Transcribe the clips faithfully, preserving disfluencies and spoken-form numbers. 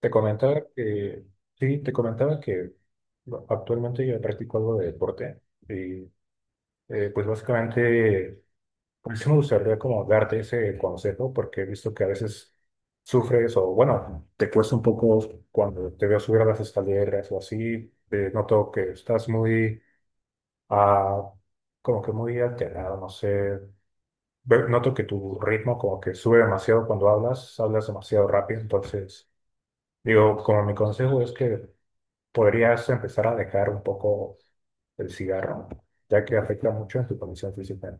Te comentaba que, sí, te comentaba que bueno, actualmente yo practico algo de deporte y eh, pues básicamente, pues sí me gustaría como darte ese consejo porque he visto que a veces sufres o bueno, te cuesta un poco cuando te veo subir a las escaleras o así, eh, noto que estás muy, ah, como que muy alterado, no sé, Ve- noto que tu ritmo como que sube demasiado cuando hablas, hablas demasiado rápido, entonces digo, como mi consejo es que podrías empezar a dejar un poco el cigarro, ya que afecta mucho en tu condición física.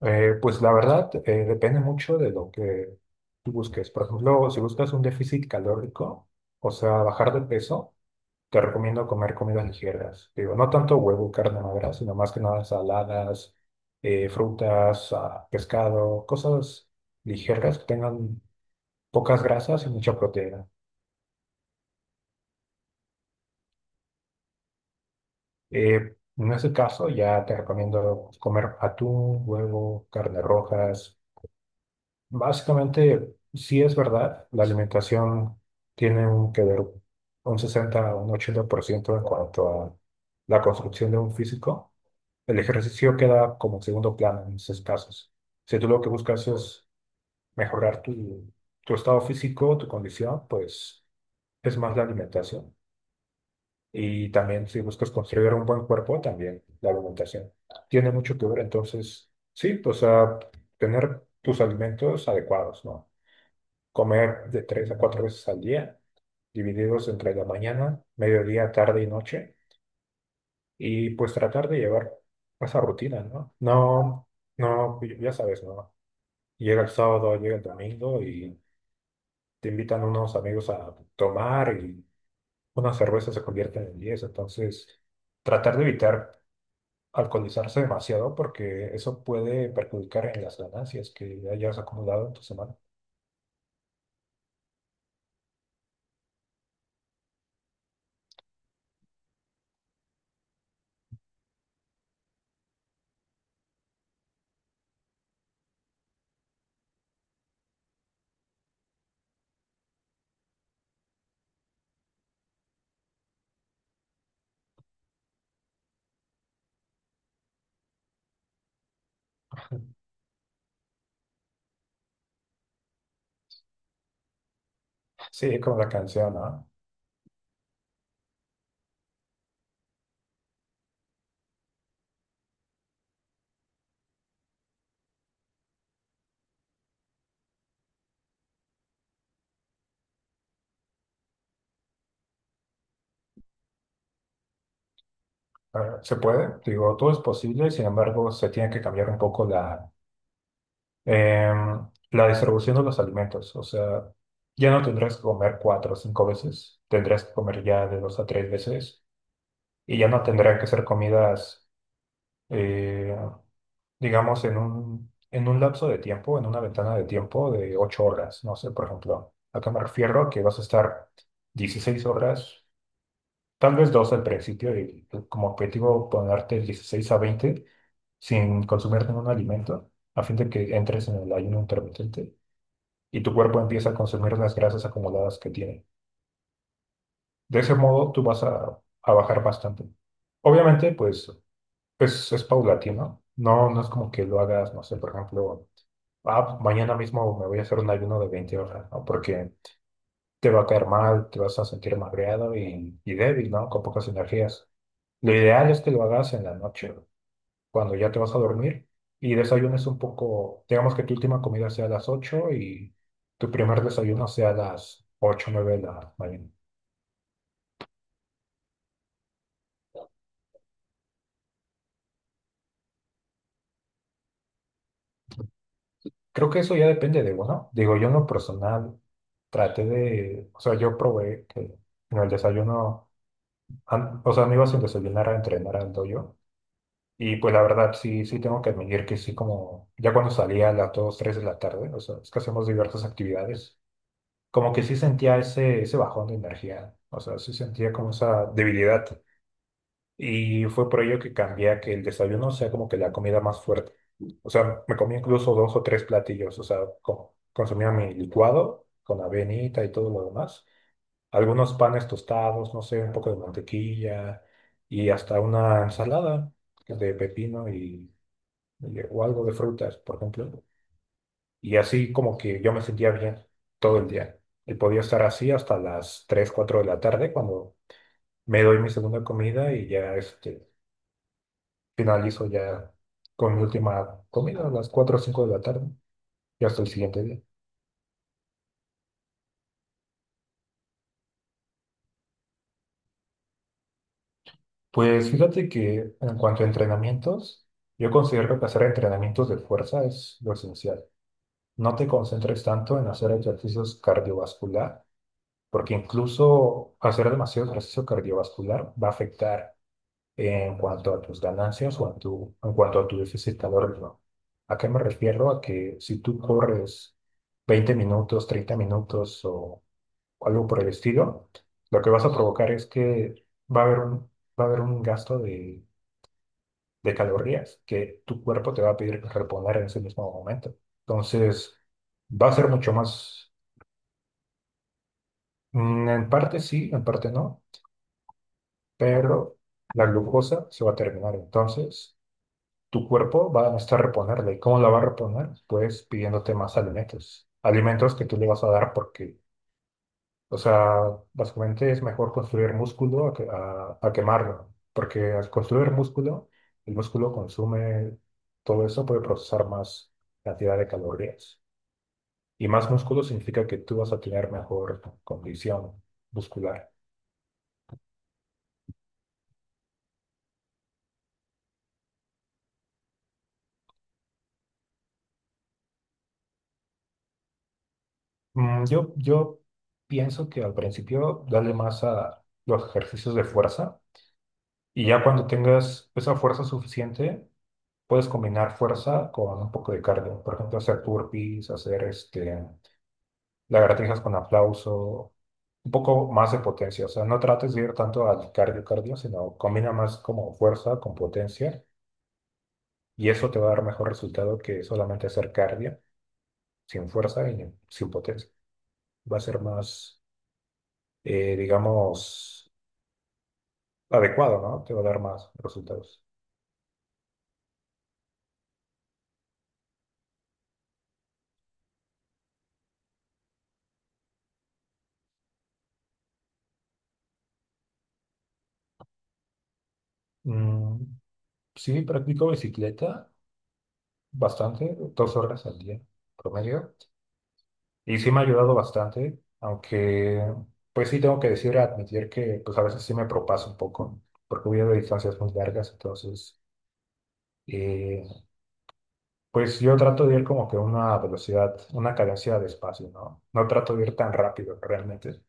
Eh, pues la verdad, eh, depende mucho de lo que tú busques. Por ejemplo, si buscas un déficit calórico, o sea, bajar de peso, te recomiendo comer comidas ligeras. Digo, no tanto huevo, carne magra, sino más que nada saladas, eh, frutas, ah, pescado, cosas ligeras que tengan pocas grasas y mucha proteína. Eh, en ese caso, ya te recomiendo comer atún, huevo, carne rojas. Básicamente, sí es verdad, la alimentación tiene un que ver un sesenta a un ochenta por ciento en cuanto a la construcción de un físico. El ejercicio queda como segundo plano en esos casos. Si tú lo que buscas es mejorar tu, tu estado físico, tu condición, pues es más la alimentación. Y también si buscas construir un buen cuerpo, también la alimentación tiene mucho que ver. Entonces, sí, pues a tener tus alimentos adecuados, ¿no? Comer de tres a cuatro veces al día, divididos entre la mañana, mediodía, tarde y noche, y pues tratar de llevar esa rutina, ¿no? No, no, ya sabes, ¿no? Llega el sábado, llega el domingo y te invitan unos amigos a tomar y una cerveza se convierte en diez, entonces tratar de evitar alcoholizarse demasiado porque eso puede perjudicar en las ganancias que hayas acumulado en tu semana. Sí, como la canción, ¿no? Ah, se puede, digo, todo es posible, sin embargo, se tiene que cambiar un poco la, em, la distribución de los alimentos. O sea, ya no tendrás que comer cuatro o cinco veces, tendrás que comer ya de dos a tres veces y ya no tendrán que ser comidas. eh, digamos, en un, en un lapso de tiempo, en una ventana de tiempo de ocho horas. No sé, por ejemplo, ¿a qué me refiero? Que vas a estar dieciséis horas, tal vez dos al principio, y como objetivo ponerte dieciséis a veinte sin consumir ningún alimento, a fin de que entres en el ayuno intermitente y tu cuerpo empieza a consumir las grasas acumuladas que tiene. De ese modo, tú vas a, a bajar bastante. Obviamente, pues es, es paulatino. No, no es como que lo hagas, no sé, por ejemplo. Ah, pues mañana mismo me voy a hacer un ayuno de veinte horas, ¿no? Porque te va a caer mal, te vas a sentir magreado y, y débil, ¿no? Con pocas energías. Lo ideal es que lo hagas en la noche, cuando ya te vas a dormir y desayunes un poco, digamos que tu última comida sea a las ocho y tu primer desayuno sea a las ocho o nueve de la mañana. Creo que eso ya depende de uno. Digo, yo en lo personal traté de, o sea, yo probé que en el desayuno, an- o sea, me iba sin desayunar a entrenar al dojo. Y pues la verdad, sí, sí tengo que admitir que sí, como ya cuando salía a las dos tres de la tarde, o sea, es que hacemos diversas actividades, como que sí sentía ese, ese bajón de energía, o sea, sí sentía como esa debilidad. Y fue por ello que cambié a que el desayuno sea como que la comida más fuerte. O sea, me comía incluso dos o tres platillos, o sea, co- consumía mi licuado con avenita y todo lo demás, algunos panes tostados, no sé, un poco de mantequilla y hasta una ensalada de pepino y y- o algo de frutas, por ejemplo. Y así como que yo me sentía bien todo el día. Y podía estar así hasta las tres cuatro de la tarde cuando me doy mi segunda comida y ya este, finalizo ya con mi última comida a las cuatro o cinco de la tarde y hasta el siguiente día. Pues fíjate que en cuanto a entrenamientos, yo considero que hacer entrenamientos de fuerza es lo esencial. No te concentres tanto en hacer ejercicios cardiovasculares porque incluso hacer demasiado ejercicio cardiovascular va a afectar en cuanto a tus ganancias o en tu, en cuanto a tu déficit calórico. ¿A qué me refiero? A que si tú corres veinte minutos, treinta minutos o algo por el estilo, lo que vas a provocar es que va a haber un, va a haber un gasto de, de calorías que tu cuerpo te va a pedir reponer en ese mismo momento. Entonces, va a ser mucho más, mm, en parte sí, en parte no, pero la glucosa se va a terminar. Entonces, tu cuerpo va a necesitar reponerla. ¿Y cómo la va a reponer? Pues pidiéndote más alimentos. Alimentos que tú le vas a dar porque, o sea, básicamente es mejor construir músculo a, que- a- a quemarlo. Porque al construir músculo, el músculo consume todo eso, puede procesar más cantidad de calorías. Y más músculo significa que tú vas a tener mejor condición muscular. Mm, Yo, yo pienso que al principio dale más a los ejercicios de fuerza y ya cuando tengas esa fuerza suficiente, puedes combinar fuerza con un poco de cardio. Por ejemplo, hacer burpees, hacer este, lagartijas con aplauso, un poco más de potencia. O sea, no trates de ir tanto al cardio cardio, sino combina más como fuerza con potencia y eso te va a dar mejor resultado que solamente hacer cardio sin fuerza y sin potencia. Va a ser más, eh, digamos adecuado, ¿no? Te va a dar más resultados. Mm, sí, practico bicicleta bastante, dos horas al día promedio, y sí me ha ayudado bastante, aunque pues sí tengo que decir, admitir que pues a veces sí me propaso un poco, porque voy a distancias muy largas, entonces eh, pues yo trato de ir como que a una velocidad, una cadencia de espacio, ¿no? No trato de ir tan rápido realmente,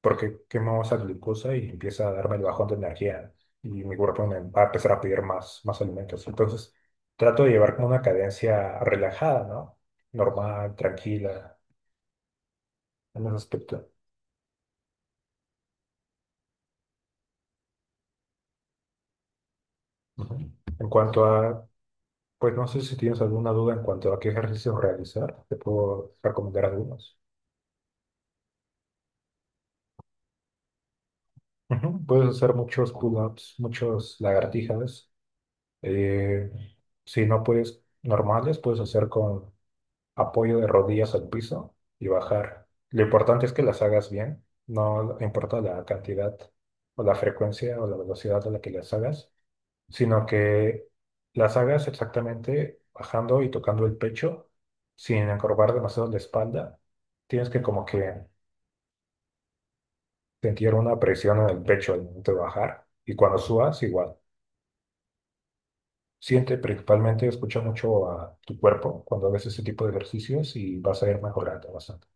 porque quemo esa glucosa y empieza a darme el bajón de energía y mi cuerpo me va a empezar a pedir más, más alimentos. Entonces, trato de llevar como una cadencia relajada, ¿no? Normal, tranquila, en ese aspecto. Ujú. En cuanto a, pues no sé si tienes alguna duda en cuanto a qué ejercicios realizar, te puedo recomendar algunos. Ujú. Puedes hacer muchos pull-ups, muchos lagartijas. eh, si no puedes normales, puedes hacer con apoyo de rodillas al piso y bajar. Lo importante es que las hagas bien, no importa la cantidad o la frecuencia o la velocidad a la que las hagas, sino que las hagas exactamente bajando y tocando el pecho sin encorvar demasiado la espalda. Tienes que como que sentir una presión en el pecho al momento de bajar y cuando subas igual. Siente principalmente, escucha mucho a tu cuerpo cuando haces ese tipo de ejercicios y vas a ir mejorando bastante.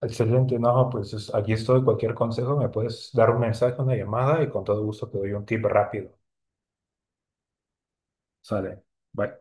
Excelente, no, pues es- aquí estoy. Cualquier consejo me puedes dar un mensaje, una llamada y con todo gusto te doy un tip rápido. Sale. Bye.